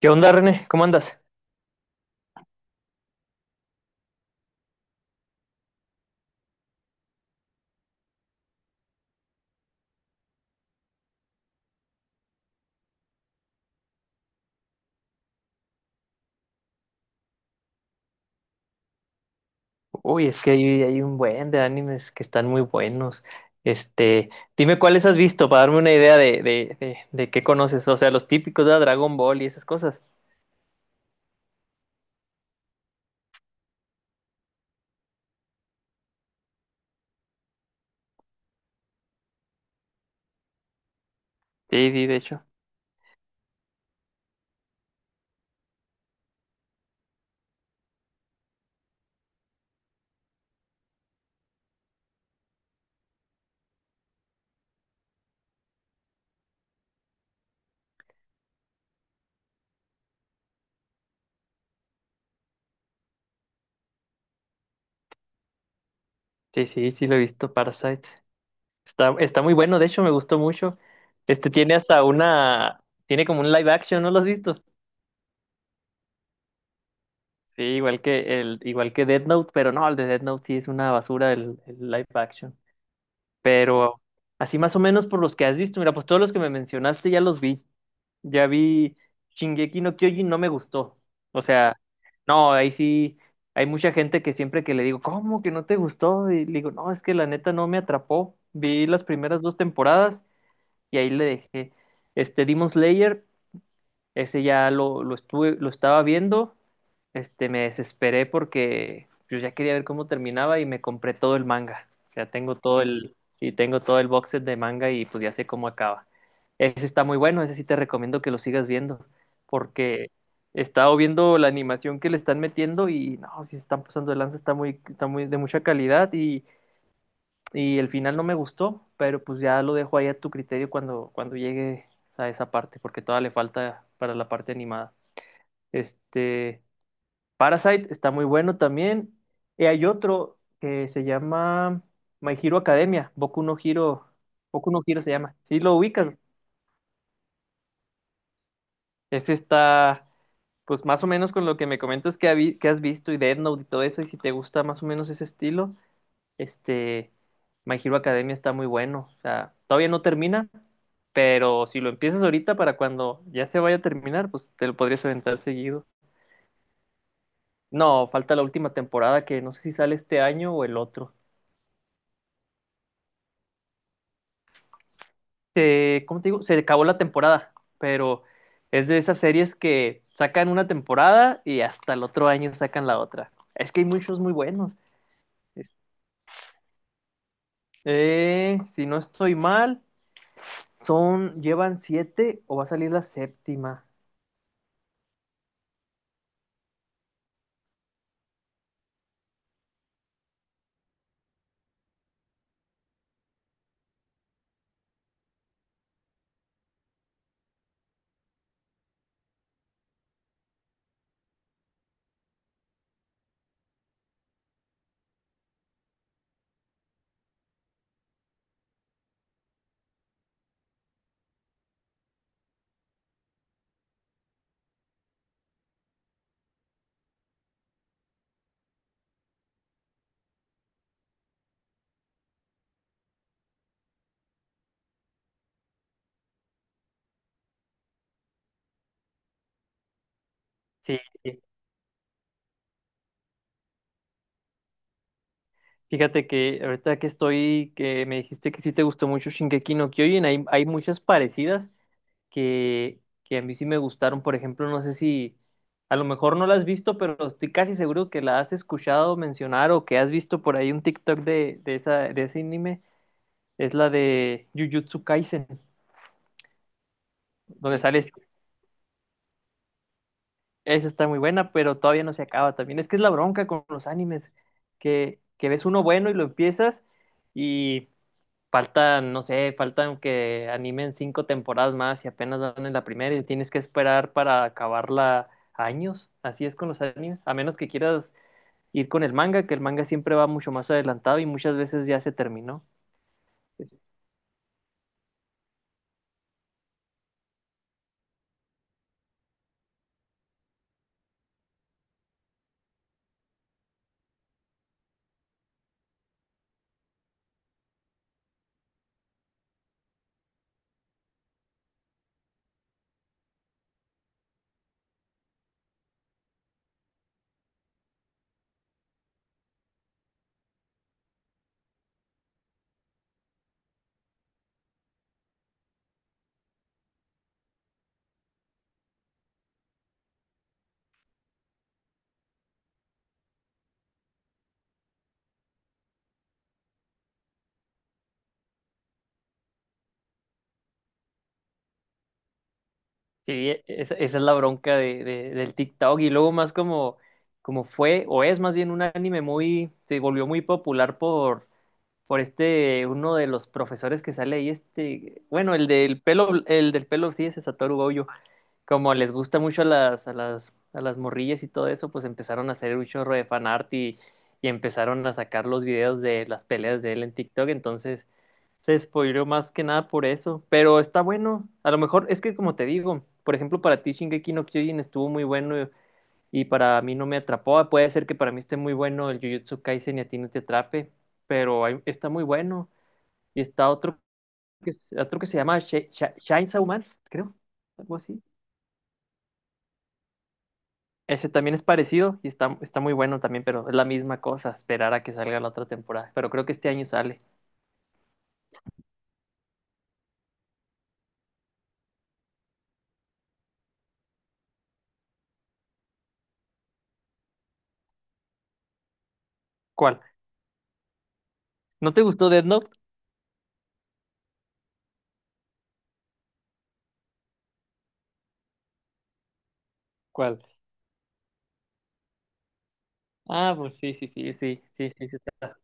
¿Qué onda, René? ¿Cómo andas? Uy, es que hay un buen de animes que están muy buenos. Este, dime cuáles has visto para darme una idea de, de qué conoces. O sea, los típicos de Dragon Ball y esas cosas. Sí, sí, de hecho. Sí, sí, sí lo he visto, Parasite. Está muy bueno, de hecho, me gustó mucho. Este tiene hasta una, tiene como un live action, ¿no lo has visto? Sí, igual que el, igual que Death Note, pero no, el de Death Note sí es una basura el live action. Pero así más o menos por los que has visto, mira, pues todos los que me mencionaste ya los vi. Ya vi Shingeki no Kyojin, no me gustó. O sea, no, ahí sí hay mucha gente que siempre que le digo, ¿cómo que no te gustó? Y le digo, no, es que la neta no me atrapó. Vi las primeras dos temporadas y ahí le dejé. Este Demon Slayer, ese ya lo estuve, lo estaba viendo me desesperé porque yo ya quería ver cómo terminaba y me compré todo el manga. O sea, tengo todo el, y tengo todo el box set de manga y pues ya sé cómo acaba. Ese está muy bueno, ese sí te recomiendo que lo sigas viendo, porque he estado viendo la animación que le están metiendo y no, si se están pasando de lanza, está muy de mucha calidad y el final no me gustó, pero pues ya lo dejo ahí a tu criterio cuando, cuando llegue a esa parte, porque todavía le falta para la parte animada. Este, Parasite está muy bueno también. Y hay otro que se llama My Hero Academia, Boku no Hero se llama. Sí, lo ubicas. Ese está, pues más o menos con lo que me comentas que, que has visto y Death Note y todo eso, y si te gusta más o menos ese estilo, este, My Hero Academia está muy bueno. O sea, todavía no termina, pero si lo empiezas ahorita para cuando ya se vaya a terminar, pues te lo podrías aventar seguido. No, falta la última temporada que no sé si sale este año o el otro. ¿Cómo te digo? Se acabó la temporada, pero es de esas series que sacan una temporada y hasta el otro año sacan la otra. Es que hay muchos muy buenos. Es- si no estoy mal, son, llevan siete o va a salir la séptima. Sí, sí. Fíjate que ahorita que estoy, que me dijiste que sí te gustó mucho Shingeki no Kyojin, hay muchas parecidas que a mí sí me gustaron. Por ejemplo, no sé si a lo mejor no la has visto, pero estoy casi seguro que la has escuchado mencionar o que has visto por ahí un TikTok de esa, de ese anime. Es la de Jujutsu Kaisen, donde sale. Esa está muy buena, pero todavía no se acaba también. Es que es la bronca con los animes, que ves uno bueno y lo empiezas faltan, no sé, faltan que animen cinco temporadas más y apenas van en la primera y tienes que esperar para acabarla años. Así es con los animes, a menos que quieras ir con el manga, que el manga siempre va mucho más adelantado y muchas veces ya se terminó. Es- Sí, esa, esa es la bronca de, del TikTok y luego más como, como fue o es más bien un anime muy, se volvió muy popular por este, uno de los profesores que sale ahí, este, bueno, el del pelo, sí, ese Satoru Gojo. Como les gusta mucho a las, a las morrillas y todo eso, pues empezaron a hacer un chorro de fanart y empezaron a sacar los videos de las peleas de él en TikTok, entonces se spoileó más que nada por eso, pero está bueno, a lo mejor es que como te digo, por ejemplo para ti Shingeki no Kyojin estuvo muy bueno y para mí no me atrapó, ah, puede ser que para mí esté muy bueno el Jujutsu Kaisen y a ti no te atrape, pero está muy bueno y está otro que, otro que se llama Sh Sh Chainsaw Man, creo, algo así. Ese también es parecido y está, está muy bueno también, pero es la misma cosa, esperar a que salga la otra temporada. Pero creo que este año sale. ¿Cuál? ¿No te gustó Death Note? ¿Cuál? Ah, pues sí, sí, sí, sí, sí, sí, sí.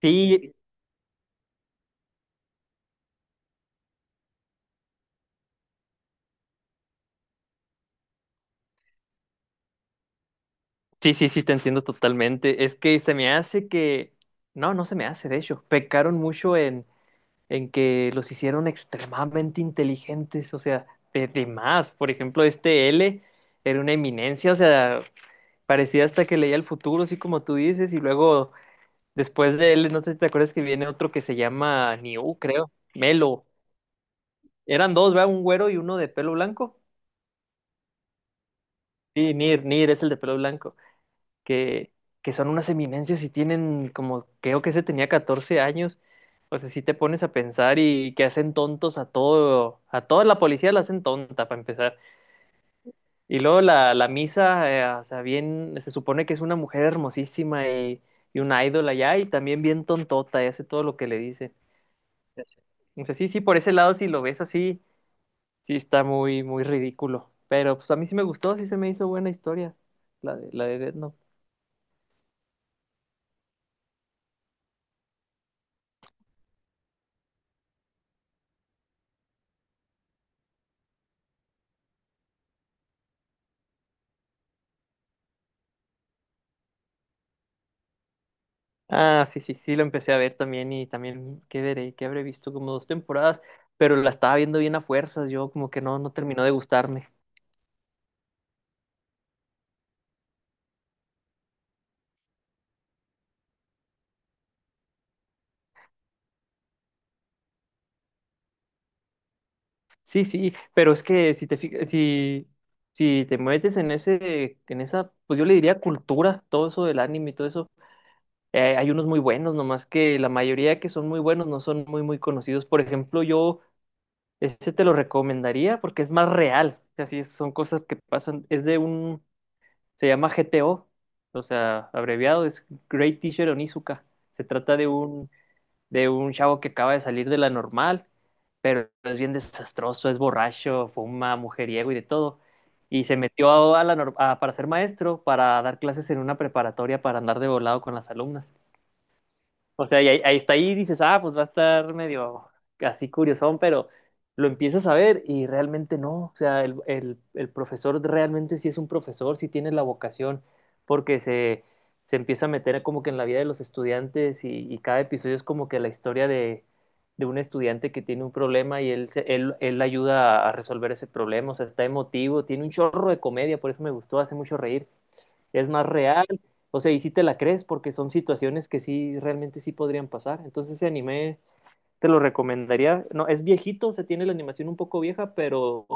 Sí, sí, sí, sí, te entiendo totalmente. Es que se me hace que... No, no se me hace, de hecho. Pecaron mucho en que los hicieron extremadamente inteligentes, o sea, de más. Por ejemplo, este L era una eminencia, o sea, parecía hasta que leía el futuro, así como tú dices, y luego después de él, no sé si te acuerdas que viene otro que se llama Niu, creo. Melo. Eran dos, ¿verdad? Un güero y uno de pelo blanco. Sí, Nir, Nir es el de pelo blanco. Que, que son unas eminencias y tienen como, creo que ese tenía 14 años. O sea, si te pones a pensar y que hacen tontos a todo, a toda la policía la hacen tonta para empezar. Y luego la, la misa, o sea, bien, se supone que es una mujer hermosísima y una ídola ya, y también bien tontota y hace todo lo que le dicen. Ya sé. O sea, sí, sí, por ese lado, si lo ves así, sí está muy, muy ridículo. Pero pues a mí sí me gustó, sí se me hizo buena historia, la de Death Note. Ah, sí, sí, sí, lo empecé a ver también y también, ¿qué veré? Que habré visto como dos temporadas, pero la estaba viendo bien a fuerzas, yo como que no, no terminó de gustarme. Sí, sí, pero es que si te fijas, si, si te metes en ese, en esa, pues yo le diría cultura, todo eso del anime y todo eso. Hay unos muy buenos, nomás que la mayoría que son muy buenos no son muy, muy conocidos. Por ejemplo, yo ese te lo recomendaría porque es más real. O sea, sí, son cosas que pasan. Es de un, se llama GTO, o sea, abreviado es Great Teacher Onizuka. Se trata de un chavo que acaba de salir de la normal, pero es bien desastroso, es borracho, fuma, mujeriego y de todo. Y se metió a la para ser maestro, para dar clases en una preparatoria para andar de volado con las alumnas. O sea, ahí está ahí y dices, ah, pues va a estar medio así curiosón, pero lo empiezas a ver y realmente no. O sea, el profesor realmente sí es un profesor, sí tiene la vocación, porque se empieza a meter como que en la vida de los estudiantes y cada episodio es como que la historia de un estudiante que tiene un problema y él, él ayuda a resolver ese problema. O sea, está emotivo, tiene un chorro de comedia, por eso me gustó, hace mucho reír. Es más real, o sea, y sí te la crees porque son situaciones que sí, realmente sí podrían pasar. Entonces ese anime te lo recomendaría. No, es viejito, o sea, tiene la animación un poco vieja, pero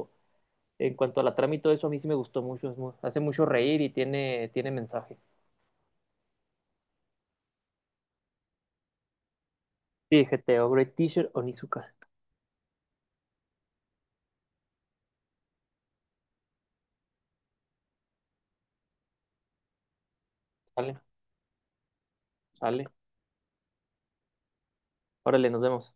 en cuanto a la trama y todo eso, a mí sí me gustó mucho. Hace mucho reír y tiene, tiene mensaje. Sí, GTO, Great Teacher, Onizuka. Sale, sale. Órale, nos vemos.